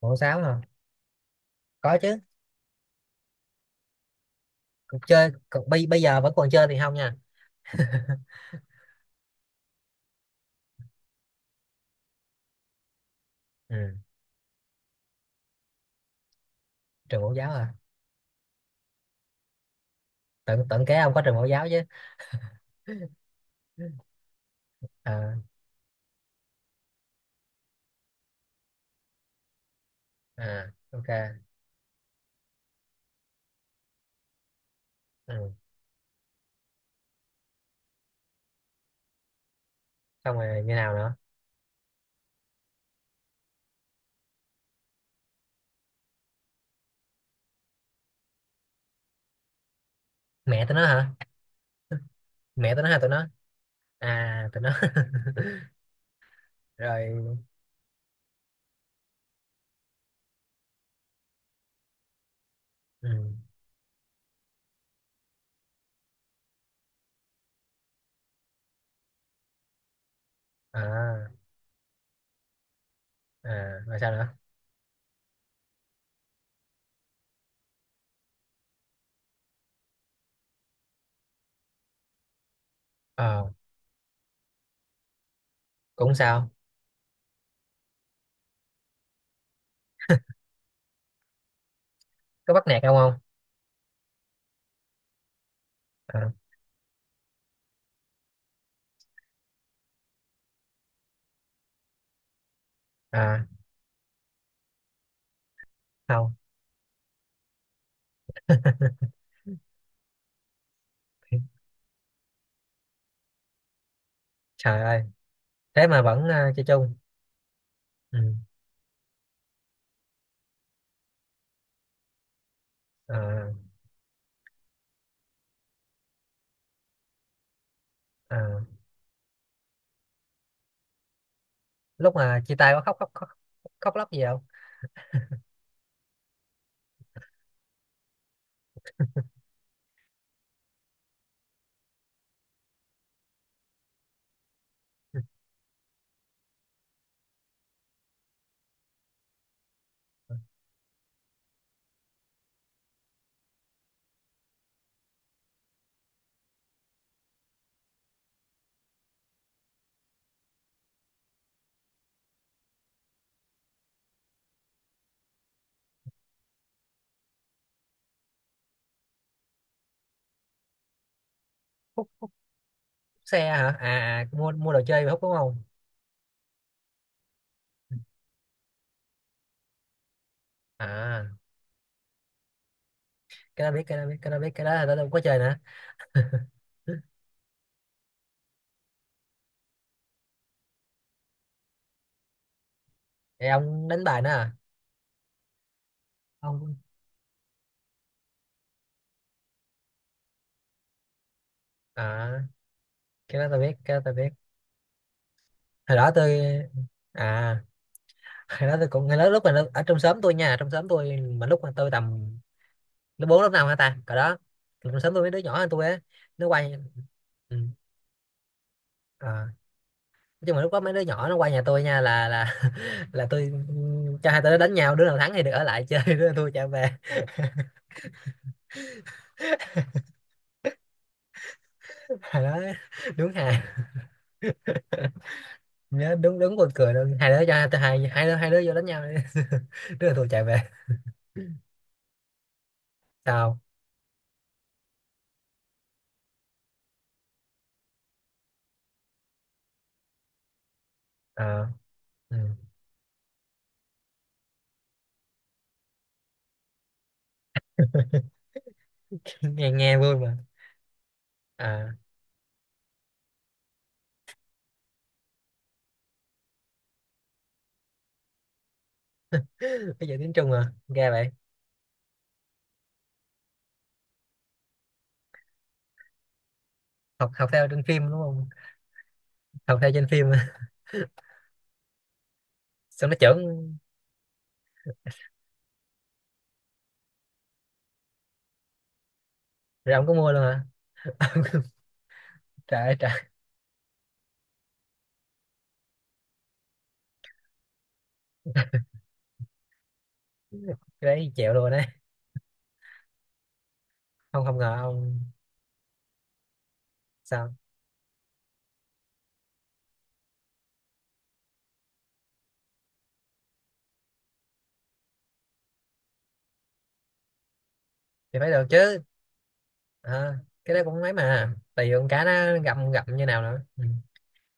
Bộ sáu hả? Có chứ. Còn chơi còn bây bây giờ vẫn còn chơi thì không nha. Ừ. Trường mẫu giáo à? Tận tận kế ông có trường mẫu giáo chứ? à, à, OK. Ừ. Xong rồi như nào nữa? Mẹ tụi nó hả? Mẹ tụi nó hả? Tụi nó, à tụi nó. Rồi. Ừ. à, à, rồi sao nữa? Ờ cũng sao? Có bắt nạt ông không? À, à không. Trời ơi. Thế mà vẫn chơi chung. Ừ. à, à. Lúc mà chia tay có khóc khóc khóc, khóc lóc gì không? Ừ. Hút xe hả? À, mua mua đồ chơi mà hút đúng không? À, cái đó biết, cái đó biết, cái đó biết, cái đó là tao đâu có chơi nữa. Ừ. Thì ông đánh bài nữa à? Ông. À, cái đó tao biết, cái đó tao biết. Hồi đó tôi, à, hồi đó tôi cũng, hồi đó lúc mà ở trong xóm tôi nha, trong xóm tôi, mà lúc mà tôi tầm lớp bốn lớp năm hả ta, cỡ đó. Trong xóm tôi mấy đứa nhỏ hơn tôi á, nó quay. Ừ. À, nhưng mà lúc đó mấy đứa nhỏ nó qua nhà tôi nha, là là tôi, cho hai tụi nó đánh nhau, đứa nào thắng thì được ở lại chơi, đứa nào thua trả về. Hồi đó đúng hà. Nhớ, đúng đúng buồn cười luôn hai đứa. Cho hai hai hai đứa vô đánh nhau đi. Đứa nào thua chạy về. Sao? Ờ, ừ. nghe nghe vui mà. À, bây giờ tiếng Trung à, ra vậy? Học học theo trên phim đúng không? Học theo trên phim à. Xong nó chưởng. Rồi ông có mua luôn hả? Trời ơi trời. Cái đấy chẹo luôn đấy. Không không ngờ ông. Sao? Thì phải được chứ. Ờ, cái đó cũng ấy mà tại vì con cá nó gặm gặm như nào nữa, ừ.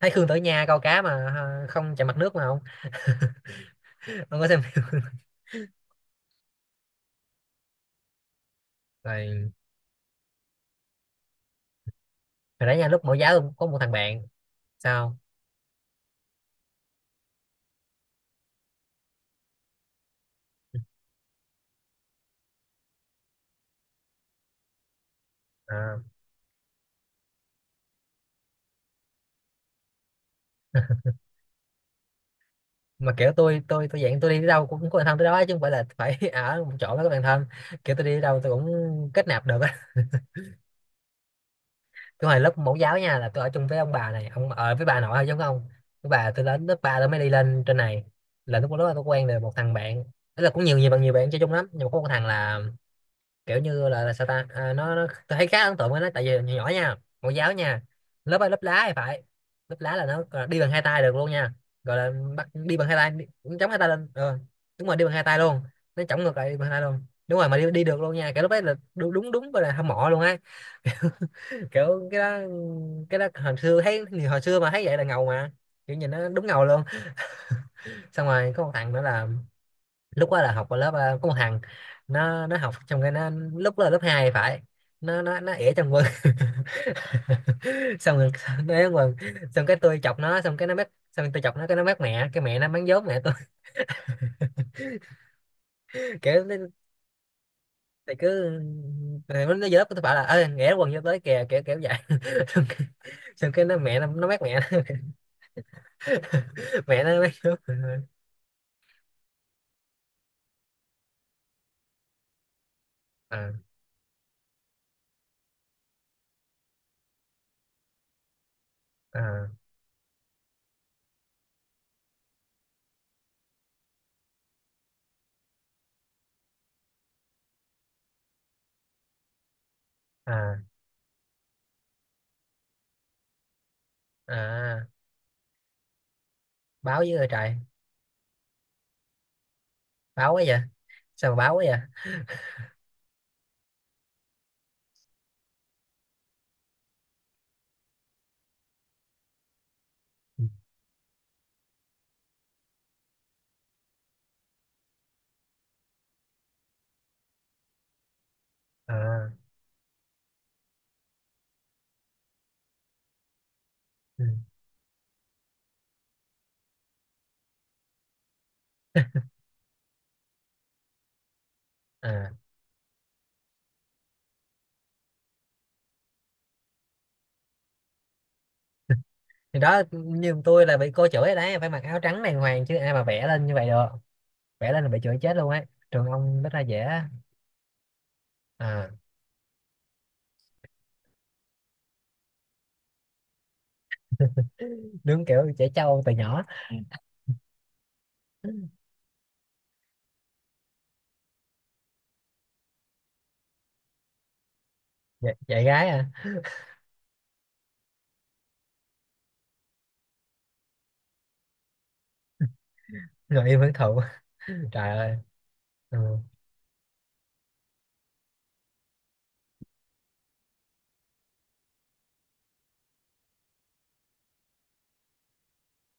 Thấy Khương Tử Nha câu cá mà không chạm mặt nước mà, không. Không có xem phim. Rồi. Hồi nãy nha, lúc mẫu giáo tôi có một thằng bạn. Sao? Ờ, mà kiểu tôi dạng tôi đi tới đâu cũng có bạn thân tới đó, chứ không phải là phải ở một chỗ đó có bạn thân. Kiểu tôi đi tới đâu tôi cũng kết nạp được á. Tôi hồi lớp mẫu giáo nha là tôi ở chung với ông bà, này ông ở với bà nội thôi, giống không? Với bà tôi đến lớp ba tôi mới đi lên trên này. Là lúc đó tôi quen được một thằng bạn. Tức là cũng nhiều nhiều bạn chơi chung lắm, nhưng mà có một thằng là kiểu như là sao ta, à, nó tôi thấy khá ấn tượng với nó, tại vì nhỏ nhỏ nha, mẫu giáo nha, lớp A, lớp lá thì phải. Lớp lá là nó gọi là đi bằng hai tay được luôn nha. Gọi là bắt đi bằng hai tay, cũng chống hai tay lên, đúng rồi đi bằng hai tay luôn. Nó chống ngược lại đi bằng hai tay luôn, đúng rồi mà đi được luôn nha, kiểu lúc đấy là đúng đúng đúng, gọi là hâm mộ luôn á. Kiểu cái đó, cái đó hồi xưa thấy, hồi xưa mà thấy vậy là ngầu mà, kiểu nhìn nó đúng ngầu luôn. Xong rồi có một thằng nữa là lúc đó là học ở lớp, có một thằng, nó học trong cái, nó lúc đó là lớp 2 phải. Nó ỉa trong quân. Xong rồi nó ỉa trong quân. Xong cái tôi chọc nó, xong cái nó mét, xong tôi chọc nó cái nó mét mẹ, cái mẹ nó mắng vốn mẹ tôi. Kiểu thì cứ nó vô lớp, tôi bảo là ơi ỉa quần vô tới kìa, kiểu kiểu vậy. Xong, xong cái nó mẹ nó mét mẹ nó. Mẹ nó mét vốn. À, à, à, à, báo với ơi trời. Báo quá vậy. Sao mà báo quá vậy? À. Ừ. À, thì đó như tôi là bị cô chửi rồi đấy, phải mặc áo trắng đàng hoàng chứ ai mà vẽ lên như vậy được. Vẽ lên là bị chửi chết luôn ấy. Trường ông rất là dễ. À. Đứng kiểu trẻ trâu từ nhỏ. Dạy gái à? Ngồi im hưởng thụ. Trời ơi. Ừ.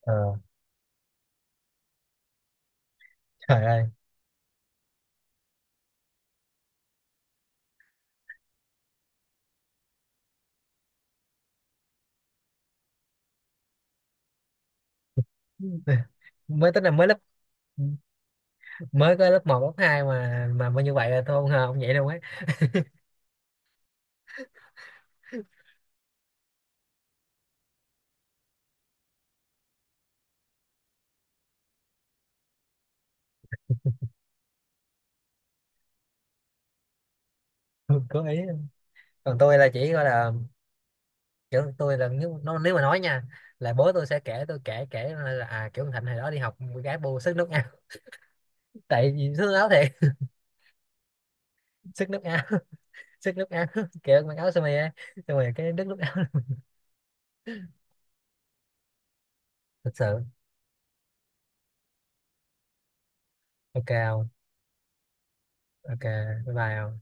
ờ, trời ơi. Mới tính là mới lớp, mới có lớp một lớp 2 mà như vậy là tôi không ngờ ông vậy đâu ấy. Cố ý. Còn tôi là chỉ gọi là kiểu tôi là nếu nếu mà nói nha là bố tôi sẽ kể, tôi kể kể là à, kiểu thằng Thịnh hồi đó đi học con gái bu sức nước. Tại vì sức áo thiệt. Sức nước áo. Sức nước áo, kiểu mặc áo sơ mi á xong rồi cái đứt nước áo. Thật sự. OK không? OK. Bye bye không?